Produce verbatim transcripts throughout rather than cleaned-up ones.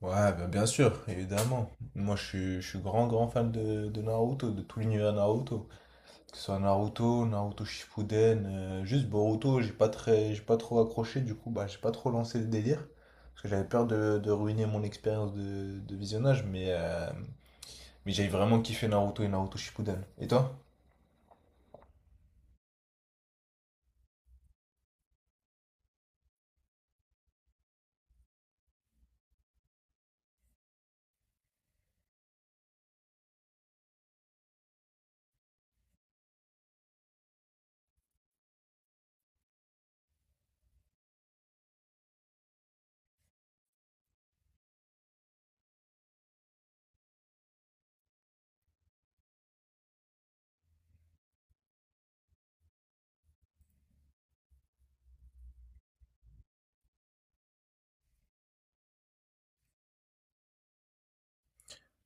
Ouais, bien, bien sûr, évidemment. Moi, je suis, je suis grand, grand fan de, de Naruto, de tout l'univers Naruto. Que ce soit Naruto, Naruto Shippuden, euh, juste Boruto, j'ai pas très, j'ai pas trop accroché, du coup, bah, j'ai pas trop lancé le délire. Parce que j'avais peur de, de ruiner mon expérience de, de visionnage, mais, euh, mais j'ai vraiment kiffé Naruto et Naruto Shippuden. Et toi?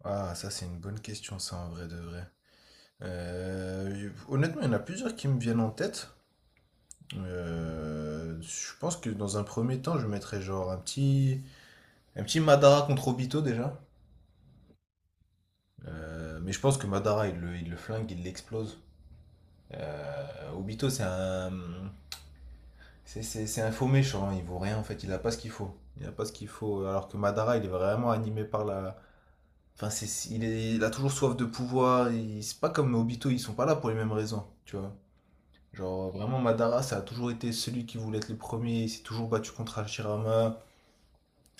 Ah, ça, c'est une bonne question, ça, en vrai de vrai. Euh, honnêtement, il y en a plusieurs qui me viennent en tête. Euh, je pense que dans un premier temps, je mettrais genre un petit, un petit Madara contre Obito déjà. Euh, mais je pense que Madara, il le, il le flingue, il l'explose. Euh, Obito, c'est un, c'est, c'est- c'est un faux méchant, hein, il vaut rien en fait, il a pas ce qu'il faut. Il a pas ce qu'il faut. Alors que Madara, il est vraiment animé par la. Enfin, c'est, il est, il a toujours soif de pouvoir. il- C'est pas comme Obito, ils sont pas là pour les mêmes raisons, tu vois. Genre, vraiment, Madara, ça a toujours été celui qui voulait être le premier. Il s'est toujours battu contre Hashirama.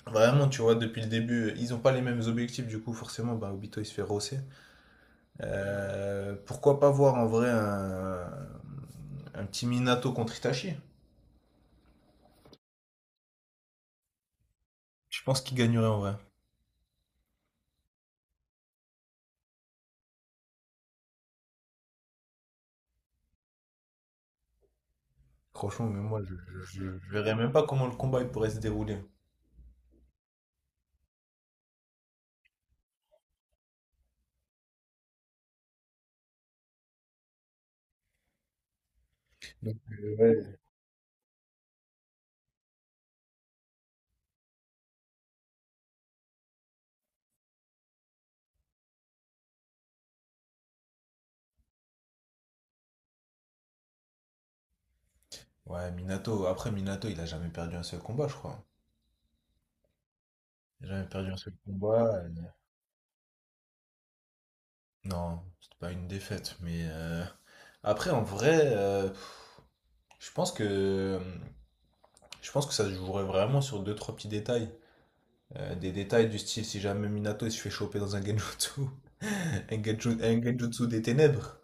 Vraiment, tu vois, depuis le début, ils n'ont pas les mêmes objectifs, du coup, forcément, bah, Obito, il se fait rosser. Euh, pourquoi pas voir en vrai un, un petit Minato contre Itachi? Je pense qu'il gagnerait en vrai. Franchement, mais moi, je, je, je- je verrais même pas comment le combat il pourrait se dérouler. Donc, euh, ouais. Ouais, Minato, après Minato, il a jamais perdu un seul combat, je crois. Il a jamais perdu un seul combat. euh, Non, c'était pas une défaite, mais euh, après, en vrai, euh, je pense que je pense que ça se jouerait vraiment sur deux, trois petits détails. Euh, des détails du style si jamais Minato il se fait choper dans un genjutsu, un genju- un genjutsu des ténèbres,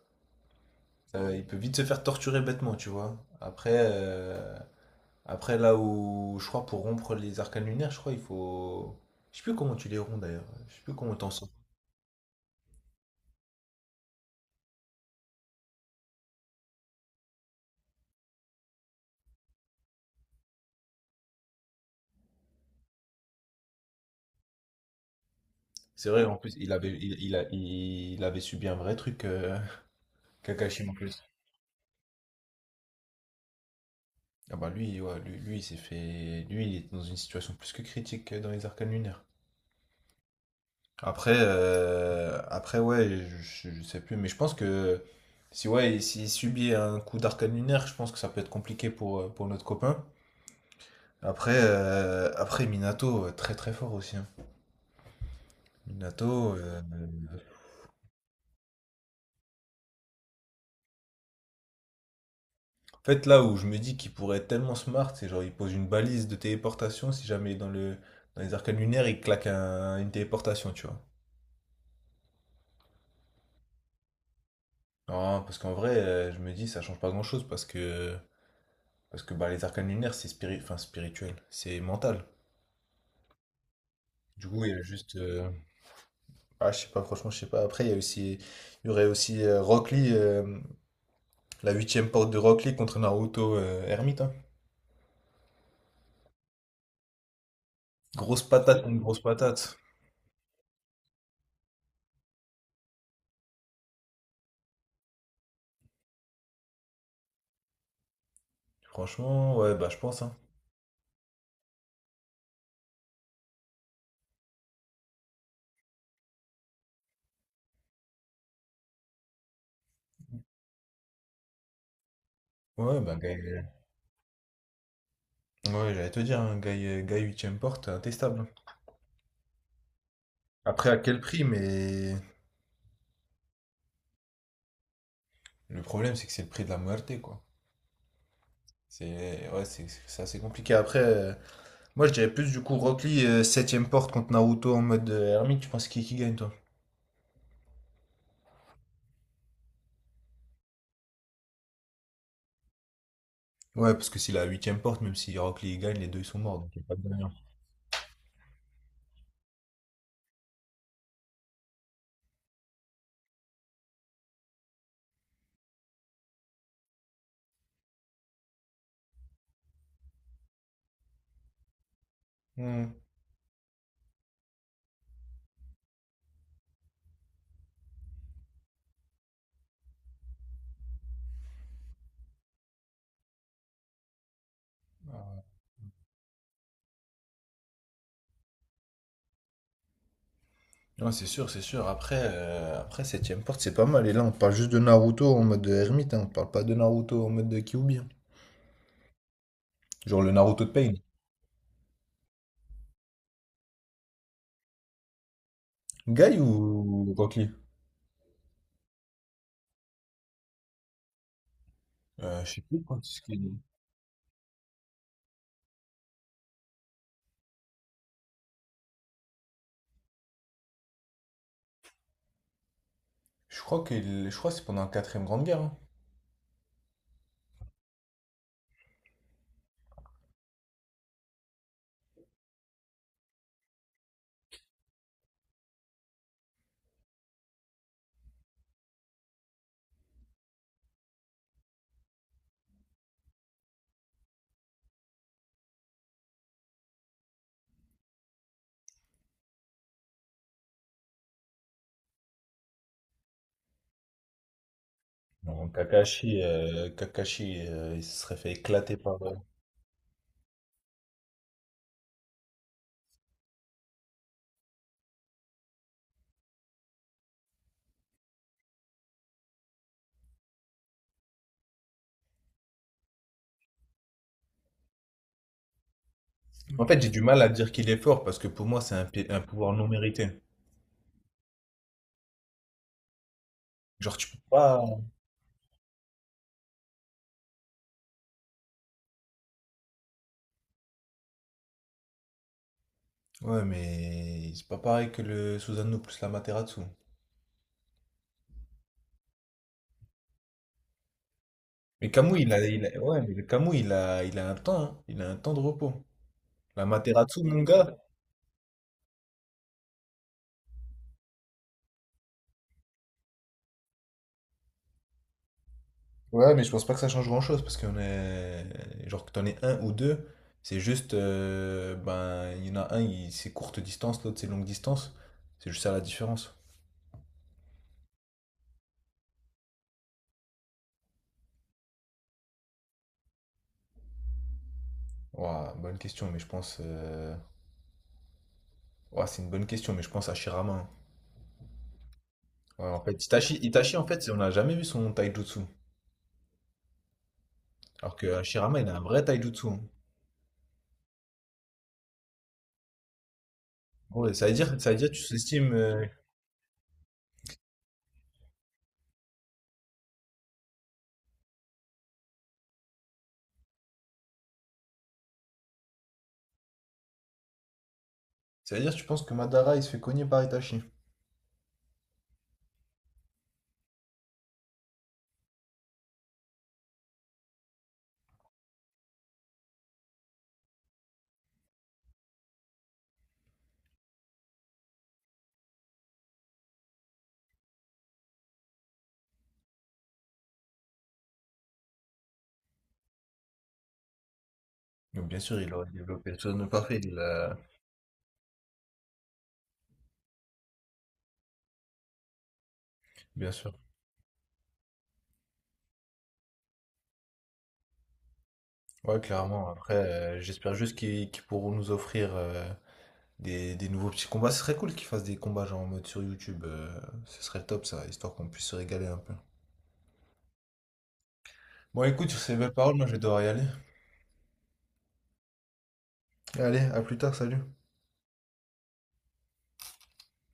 euh, il peut vite se faire torturer bêtement, tu vois. Après, euh, après là où je crois pour rompre les arcanes lunaires, je crois il faut, je sais plus comment tu les romps d'ailleurs, je sais plus comment t'en sors. C'est vrai, en plus il avait, il, il a- il avait subi un vrai truc, euh, Kakashi en plus. Ah bah lui, ouais, lui, lui, il s'est fait, lui il est dans une situation plus que critique euh, dans les arcanes lunaires. Après, euh, après ouais, je, je sais plus, mais je pense que si ouais, s'il subit un coup d'arcane lunaire, je pense que ça peut être compliqué pour, euh, pour notre copain. Après, euh, après Minato, euh, très très fort aussi. Hein. Minato, euh, en fait, là où je me dis qu'il pourrait être tellement smart, c'est genre il pose une balise de téléportation, si jamais dans le, dans les arcanes lunaires, il claque un- une téléportation, tu vois. Non, parce qu'en vrai, euh, je me dis, ça change pas grand-chose, parce que, parce que bah, les arcanes lunaires, c'est spiri- enfin, spirituel, c'est mental. Du coup, il y a juste. euh, Ah, je sais pas, franchement, je sais pas. Après, il y a aussi, il y aurait aussi euh, Rock Lee, euh, la huitième porte de Rock Lee contre Naruto euh, Hermite. Hein. Grosse patate contre grosse patate. Franchement, ouais, bah je pense. Hein. Ouais, bah Guy, euh, ouais, j'allais te dire, hein, Guy, euh, Guy huitième porte, intestable. Après, à quel prix? Mais le problème, c'est que c'est le prix de la muerte, quoi. C'est ouais, c'est c'est assez compliqué. Après, euh, moi, je dirais plus du coup Rock Lee, euh, septième porte contre Naruto en mode euh, Hermite. Tu penses qui, qui gagne, toi? Ouais, parce que si la huitième porte, même si Rock Lee gagne, les deux ils sont morts, donc il n'y a pas de gagnant. Hmm. Non, c'est sûr, c'est sûr. Après, euh, après, septième porte, c'est pas mal. Et là, on parle juste de Naruto en mode ermite, hein. On parle pas de Naruto en mode de Kyuubi. Hein. Genre le Naruto de Pain. Guy ou Rock Lee? Euh, je sais plus quand est-ce qu'il je crois que je crois que c'est pendant la quatrième grande guerre. Hein. Non, Kakashi, euh, Kakashi euh, il se serait fait éclater par. euh, En fait, j'ai du mal à dire qu'il est fort parce que pour moi, c'est un, pi- un pouvoir non mérité. Genre, tu peux pas. Ouais, mais c'est pas pareil que le Susano plus la Materazzo. Mais Camus, il a, il a- ouais, mais le Camus, il a, il a un temps, hein. Il a un temps de repos. La Materazzo, mon gars. Ouais, mais je pense pas que ça change grand-chose parce qu'on est, genre que t'en aies un ou deux, c'est juste, euh, ben, il y en a un, il- c'est courte distance, l'autre c'est longue distance. C'est juste ça la différence. Ouah, bonne question, mais je pense, euh, ouah, c'est une bonne question, mais je pense à Shirama. Hein. Ouais, en fait, Itachi, Itachi, en fait, on n'a jamais vu son taijutsu. Alors que Hashirama, il a un vrai taijutsu. Hein. Ouais, ça veut dire, ça veut dire que tu sous-estimes, euh, ça veut dire que tu penses que Madara il se fait cogner par Itachi. Donc bien sûr, il aurait développé le Susanoo parfait, il l'a- bien sûr. Ouais, clairement. Après, euh, j'espère juste qu'ils qu'ils pourront nous offrir euh, des, des nouveaux petits combats. Ce serait cool qu'ils fassent des combats genre en mode sur YouTube. Euh, ce serait top ça, histoire qu'on puisse se régaler un peu. Bon, écoute, sur ces belles paroles, moi je vais devoir y aller. Allez, à plus tard, salut.